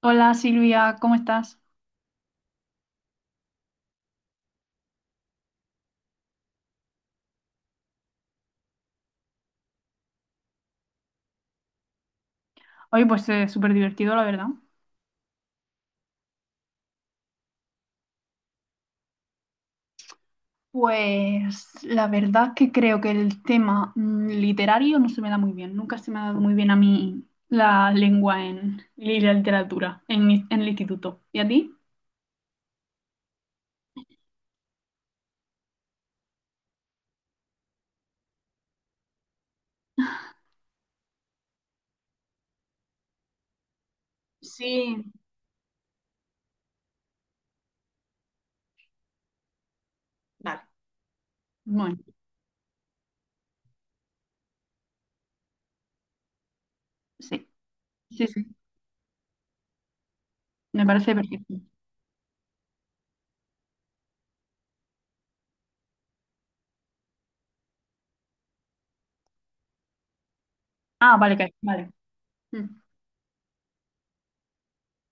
Hola Silvia, ¿cómo estás? Hoy pues es súper divertido, la verdad. Pues la verdad que creo que el tema literario no se me da muy bien. Nunca se me ha dado muy bien a mí la lengua en, y la literatura en, en el instituto. ¿Y a ti? Sí, vale. Bueno, sí, sí, me parece perfecto. Ah, vale, vale. Mm,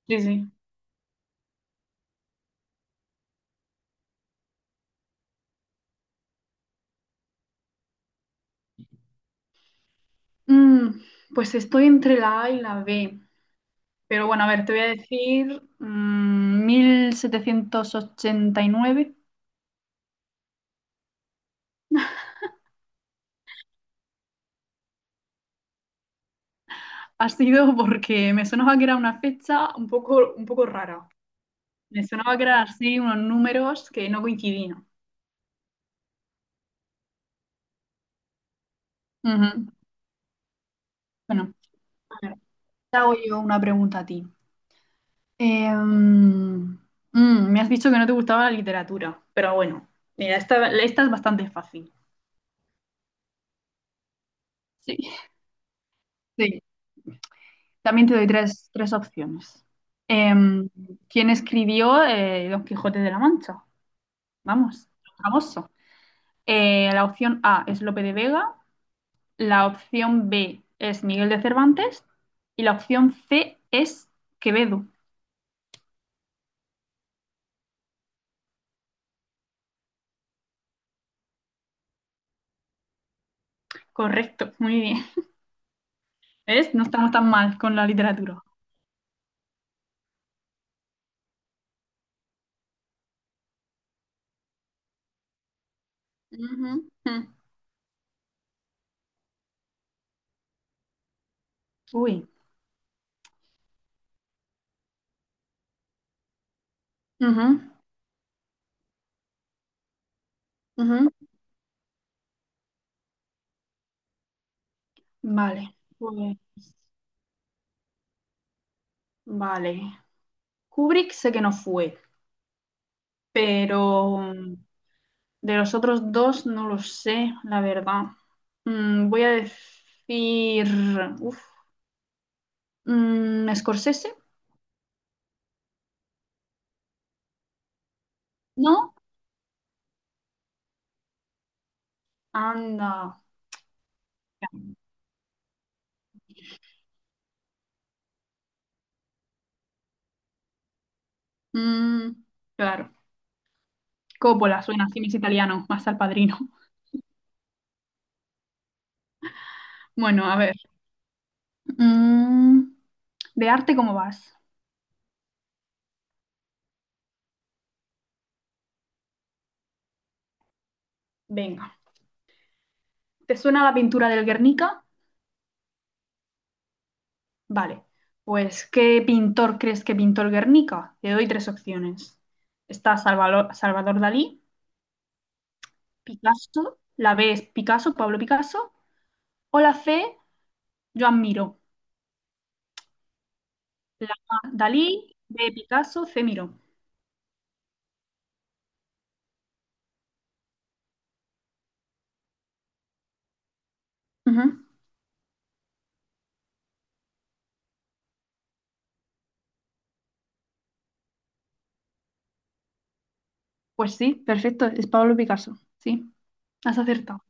sí, sí. Mm, pues estoy entre la A y la B. Pero bueno, a ver, te voy a decir 1789. Ha sido porque me sonaba que era una fecha un poco rara. Me sonaba que eran así unos números que no coincidían. Ujú. Bueno, a ver, te hago yo una pregunta a ti. Eh, mm, Me has dicho que no te gustaba la literatura, pero bueno, mira, esta es bastante fácil. Sí. Sí. También te doy tres opciones. Em, ¿quién escribió Don Quijote de la Mancha? Vamos, famoso. La opción A es Lope de Vega, la opción B es Miguel de Cervantes y la opción C es Quevedo. Correcto, muy bien. ¿Ves? No estamos tan mal con la literatura. Ujú, ujú. Uy. Ujú, ujú. Vale, pues, vale. Kubrick sé que no fue, pero de los otros dos no lo sé, la verdad. Mm, voy a decir, uf, mm, Scorsese, ¿no? Anda. Mm, claro. Coppola, suena cine es italiano, más al padrino. Bueno, a ver. Mm, ¿de arte cómo vas? Venga. ¿Te suena la pintura del Guernica? Vale, pues ¿qué pintor crees que pintó el Guernica? Te doy tres opciones. Está Salvador Dalí, Picasso, la B es Picasso, Pablo Picasso, o la C, Joan Miró. La A, Dalí, B, Picasso, C, Miró. Ujú. Pues sí, perfecto, es Pablo Picasso. Sí, has acertado.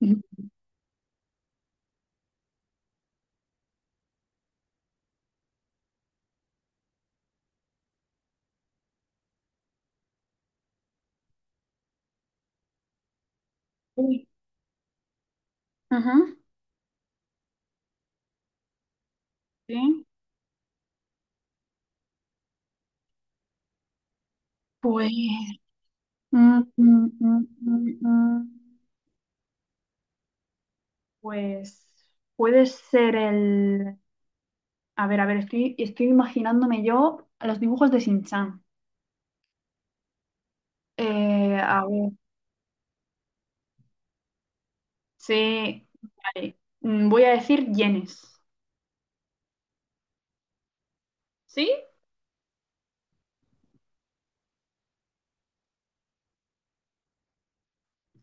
Uy. Ujú, sí, pues, mm, mm, mm, mm, mm. Pues puede ser el... a ver, estoy imaginándome yo a los dibujos de Shin-chan. A ver, sí. Vale. Mm, voy a decir yenes. ¿Sí?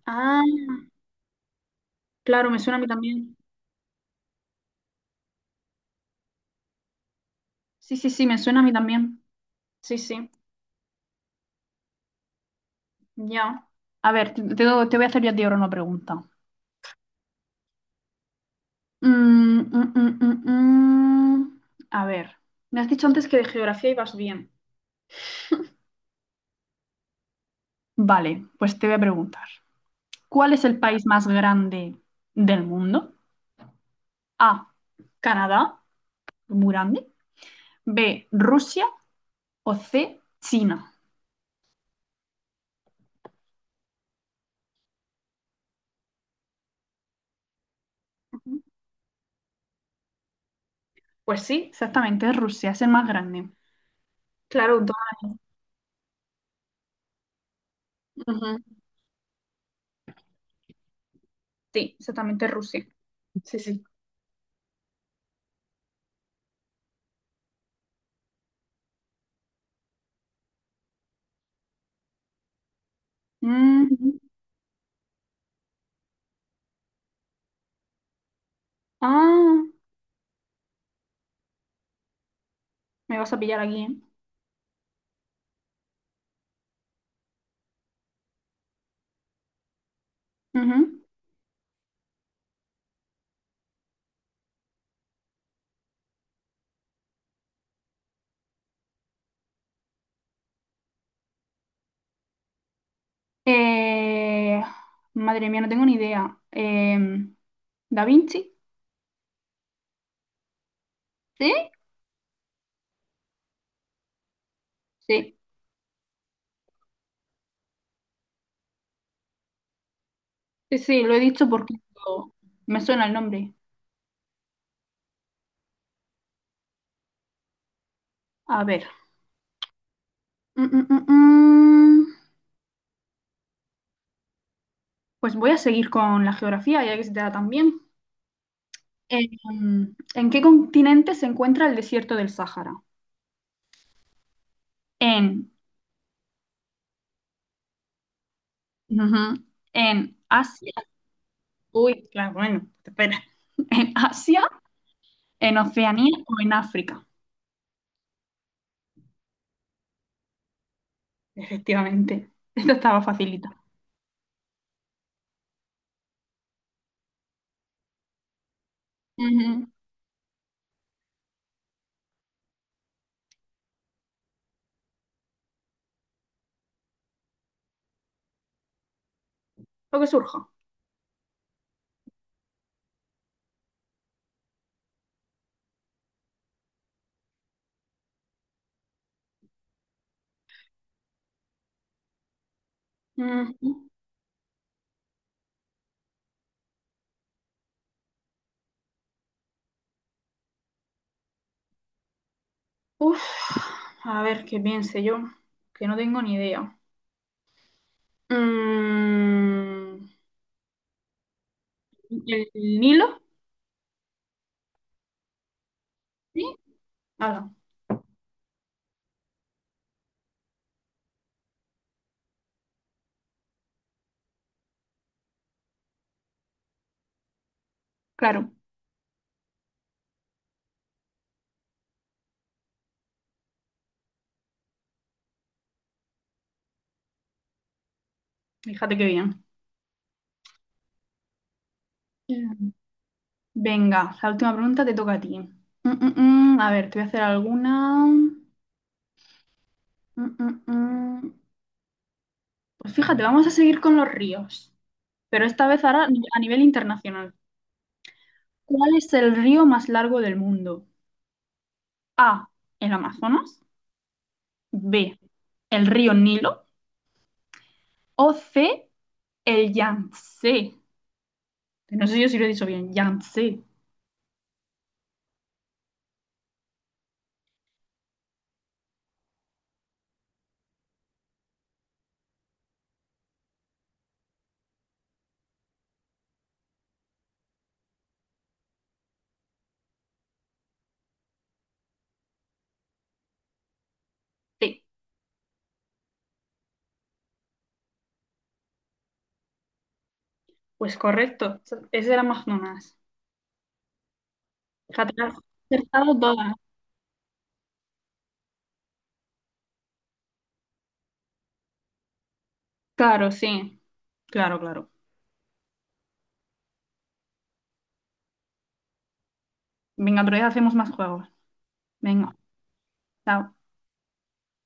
Ah, claro, me suena a mí también. Sí, sí, sí, me suena a mí también. Sí, sí, ya. A ver, te voy a hacer yo a ti ahora una pregunta. Mm, mm, mm, mm, mm. A ver, me has dicho antes que de geografía ibas bien. Vale, pues te voy a preguntar. ¿Cuál es el país más grande del mundo? A, Canadá, muy grande. B, Rusia o C, China. Uh-huh. Pues sí, exactamente, es Rusia, es el más grande. Claro, entonces ujú, sí, exactamente es Rusia. Sí, sí. Mm, ah, me vas a pillar aquí. ¿Eh? Ujú. Eh, Madre mía, no tengo ni idea. Em, ¿Da Vinci? ¿Sí? Sí, sí, sí, lo he dicho porque me suena el nombre. A ver. Mm, mm, mm, mm. Pues voy a seguir con la geografía, ya que se te da tan bien. ¿En qué continente se encuentra el desierto del Sáhara? En, ujú, en Asia. Uy, claro, bueno, espera. ¿En Asia, en Oceanía o en África? Efectivamente. Esto estaba facilita. Ujú. Lo que surja. Ujú. Uf, a ver qué piense yo, que no tengo ni idea. Mm, ¿el Nilo? Sí. Ala, claro, fíjate qué bien. Venga, la última pregunta te toca a ti. Mm, mm, mm. A ver, te voy a hacer alguna. Mm, mm, mm. Pues fíjate, vamos a seguir con los ríos, pero esta vez ahora a nivel internacional. ¿Cuál es el río más largo del mundo? A, el Amazonas. B, el río Nilo. O C, el Yangtze. No sé yo si lo he dicho bien. Yangtze. Sí, pues correcto. Es el Amazonas. Fíjate, has acertado todas. Claro, sí. Claro, claro. Venga, otro día hacemos más juegos. Venga, chao.